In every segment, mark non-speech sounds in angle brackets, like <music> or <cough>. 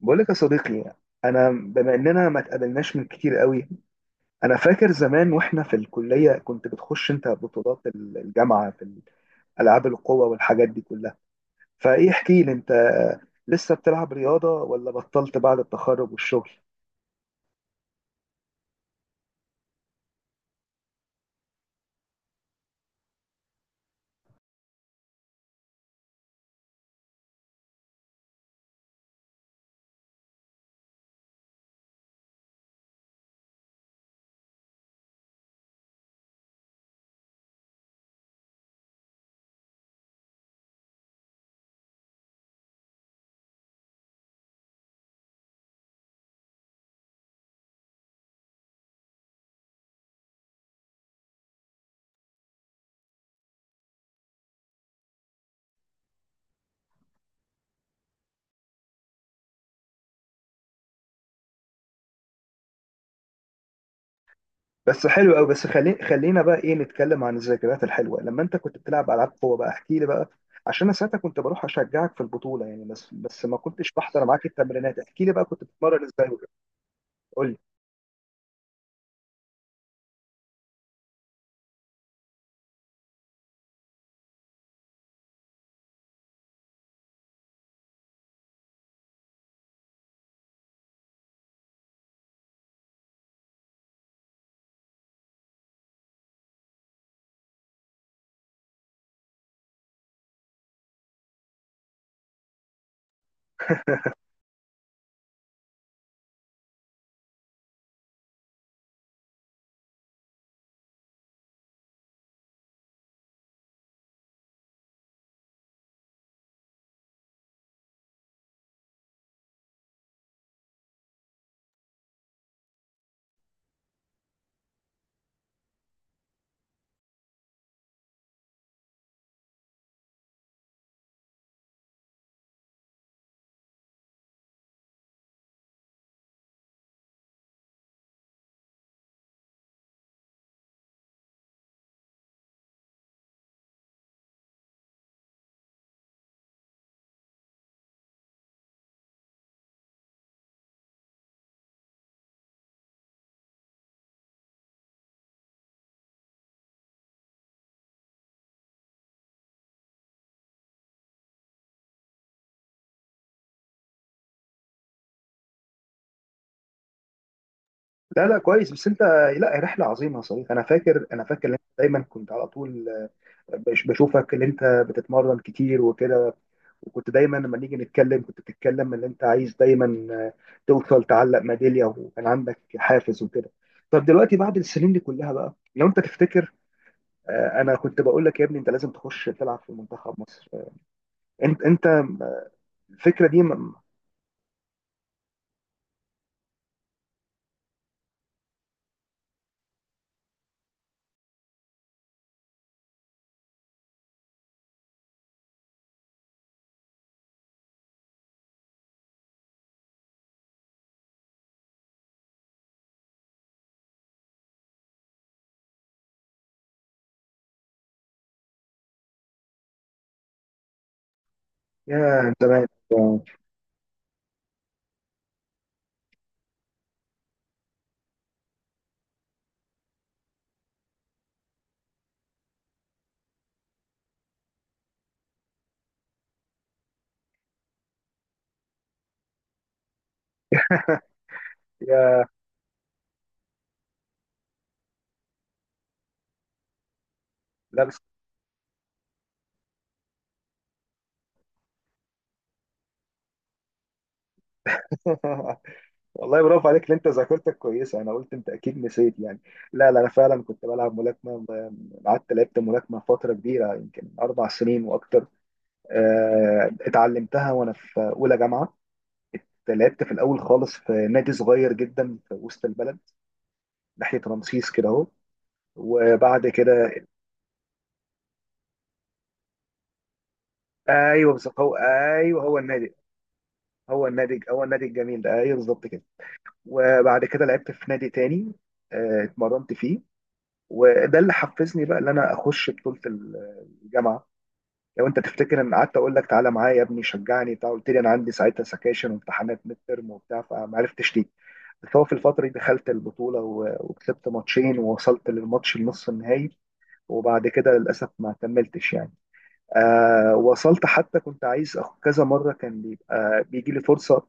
بقول لك يا صديقي، انا بما اننا ما اتقابلناش من كتير قوي. انا فاكر زمان واحنا في الكليه كنت بتخش انت بطولات الجامعه في العاب القوه والحاجات دي كلها، فايه؟ احكي لي، انت لسه بتلعب رياضه ولا بطلت بعد التخرج والشغل؟ بس حلو قوي. بس خلينا بقى ايه، نتكلم عن الذكريات الحلوه لما انت كنت بتلعب العاب قوه بقى. احكي لي بقى، عشان انا ساعتها كنت بروح اشجعك في البطوله يعني، بس ما كنتش بحضر معاك التمرينات. احكي لي بقى كنت بتتمرن ازاي وكده. قول لي. لا لا، كويس بس انت. لا، رحله عظيمه يا صديقي. انا فاكر ان انت دايما كنت على طول، بشوفك ان انت بتتمرن كتير وكده. وكنت دايما لما نيجي نتكلم كنت بتتكلم ان انت عايز دايما، توصل تعلق ميداليه، وكان عندك حافز وكده. طب دلوقتي بعد السنين دي كلها بقى، لو انت تفتكر، انا كنت بقول لك يا ابني انت لازم تخش تلعب في منتخب مصر. انت الفكره دي. يا زمان. يا، لا بس. <laughs> والله، برافو عليك اللي انت ذاكرتك كويسه. انا قلت انت اكيد نسيت يعني. لا لا، انا فعلا كنت بلعب ملاكمه، قعدت لعبت ملاكمه فتره كبيره، يمكن 4 سنين واكتر. اتعلمتها وانا في اولى جامعه. لعبت في الاول خالص في نادي صغير جدا في وسط البلد، ناحيه رمسيس كده اهو. وبعد كده ايوه بالظبط. هو ايوه، هو النادي. هو النادي الجميل ده، ايوه بالظبط كده. وبعد كده لعبت في نادي تاني، اتمرنت فيه. وده اللي حفزني بقى ان انا اخش بطوله الجامعه. لو انت تفتكر، ان قعدت اقول لك تعالى معايا يا ابني، شجعني بتاع، قلت لي انا عندي ساعتها سكاشن وامتحانات ميد ترم وبتاع، فما عرفتش ليه. بس هو في الفتره دي دخلت البطوله، وكسبت ماتشين، ووصلت للماتش النص النهائي، وبعد كده للاسف ما كملتش يعني. وصلت، حتى كنت عايز كذا مرة كان بيبقى بيجي لي فرصة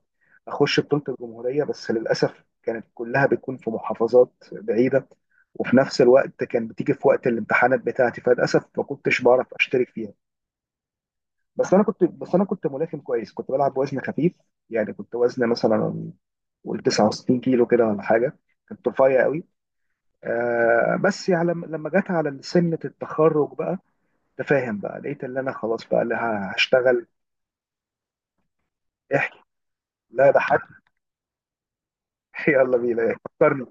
أخش بطولة الجمهورية، بس للأسف كانت كلها بتكون في محافظات بعيدة، وفي نفس الوقت كان بتيجي في وقت الامتحانات بتاعتي، فللأسف ما كنتش بعرف أشترك فيها. بس أنا كنت ملاكم كويس، كنت بلعب بوزن خفيف يعني، كنت وزن مثلا قول 69 كيلو كده ولا حاجة، كنت رفيع قوي. بس على لما جت على سنة التخرج بقى، تفاهم بقى، لقيت اللي أنا خلاص بقى اللي هشتغل. لا، ده حد. <laughs> يلا بينا! إيه، فكرني.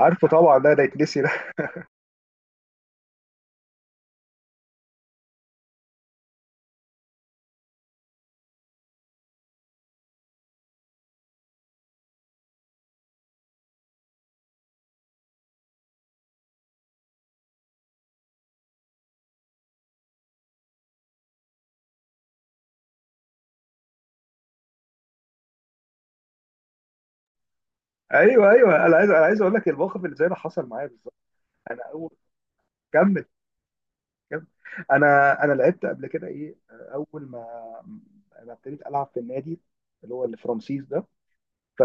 عارفه طبعا، ده يتنسي ده! <laughs> ايوه ايوه، انا عايز اقول لك الموقف اللي زي ده حصل معايا بالظبط. انا اول. كمل، كمل. انا لعبت قبل كده، ايه، اول ما انا ابتديت العب في النادي اللي هو اللي في رمسيس ده. ف...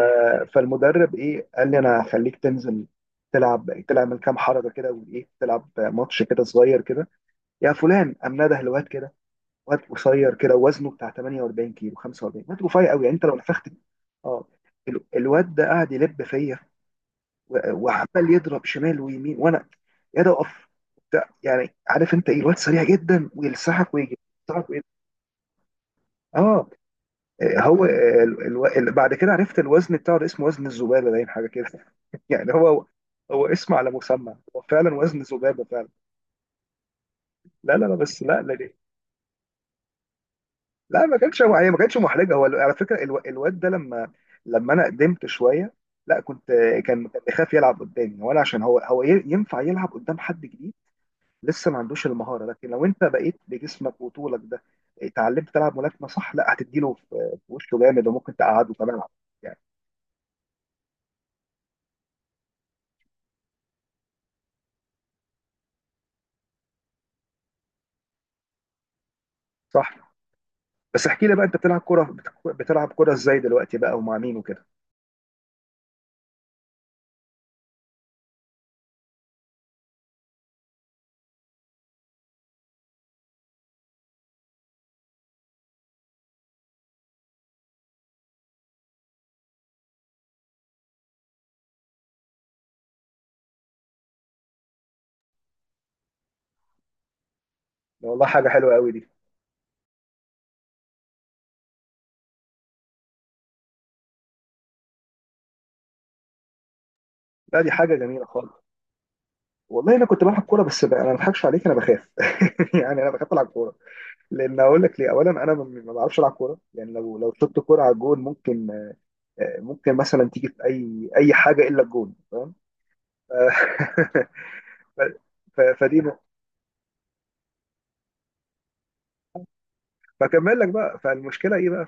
فالمدرب ايه قال لي: انا هخليك تنزل تلعب من كام حركه كده، وايه، تلعب ماتش كده صغير كده، يا فلان. قام نده الواد كده، واد قصير كده وزنه بتاع 48 كيلو، 45، واد رفيع قوي، يعني انت لو نفخت. اه، الواد ده قاعد يلب فيا، وعمال يضرب شمال ويمين، وانا يا ده اقف وبتاع. يعني عارف انت ايه، الواد سريع جدا ويلسحك ويجي. يلسحك ويجي. اه، هو بعد كده عرفت الوزن بتاعه ده، اسمه وزن الذبابه، باين حاجه كده. <laughs> يعني هو اسم على مسمى، هو فعلا وزن ذبابه فعلا. لا لا لا، بس لا لا. لا، ما كانتش يعني، ما كانتش محرجه. هو على فكره الواد ده، لما انا قدمت شويه. لا، كنت، كان بيخاف يلعب قدامي، وانا عشان هو ينفع يلعب قدام حد جديد. لسه ما عندوش المهاره، لكن لو انت بقيت بجسمك وطولك ده اتعلمت تلعب ملاكمه صح، لا، هتديله في وشه جامد، وممكن تقعده كمان. يعني. صح. بس احكي لي بقى، انت بتلعب كره؟ بتلعب كره ازاي دلوقتي بقى، ومع مين وكده؟ والله، حاجه حلوه قوي دي. لا، دي حاجه جميله خالص. والله انا كنت بلعب كوره، بس بقى انا ما بضحكش عليك، انا بخاف. <laughs> يعني انا بخاف العب كوره. لان، اقول لك ليه، اولا انا ما بعرفش العب كوره، يعني لو شطت كوره على الجون ممكن، ممكن مثلا تيجي في اي حاجه الا الجون، فاهم؟ ف- <laughs> ف- فدي نقطة. فكمل لك بقى، فالمشكله ايه بقى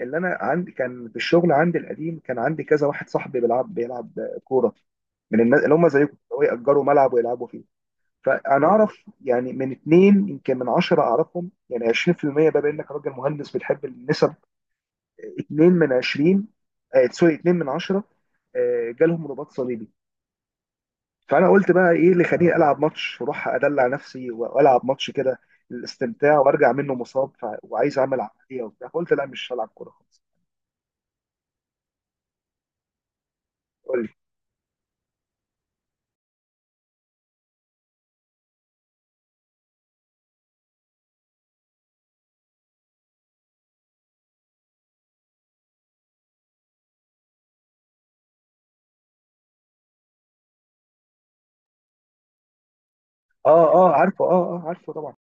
اللي انا عندي؟ كان في الشغل عندي القديم كان عندي كذا واحد صاحبي بيلعب كوره، من الناس اللي هم زيكم هو يأجروا ملعب ويلعبوا فيه. فانا اعرف يعني من اتنين يمكن من 10 اعرفهم، يعني 20%، بقى بانك راجل مهندس بتحب النسب، اتنين من 20، آه سوري، اتنين من 10، آه جالهم رباط صليبي. فانا قلت بقى، ايه اللي خليني العب ماتش واروح ادلع نفسي والعب ماتش كده للاستمتاع وارجع منه مصاب، وعايز اعمل عمليه وبتاع، فقلت لا، مش هلعب كوره خالص. قول لي. اه اه، عارفه. اه اه، عارفه طبعا.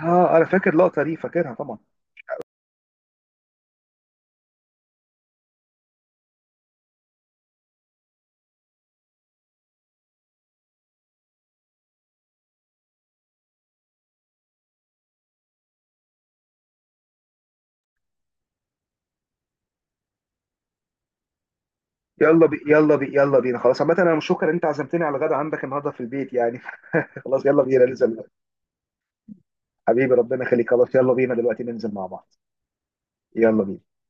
اه، انا فاكر اللقطه دي، فاكرها طبعا. يلا بينا خلاص. عامة انا مش، شكرا، انت عزمتني على غدا عندك النهارده في البيت يعني. <laughs> خلاص يلا بينا ننزل. حبيبي ربنا يخليك، خلاص يلا بينا دلوقتي ننزل مع بعض. يلا بينا.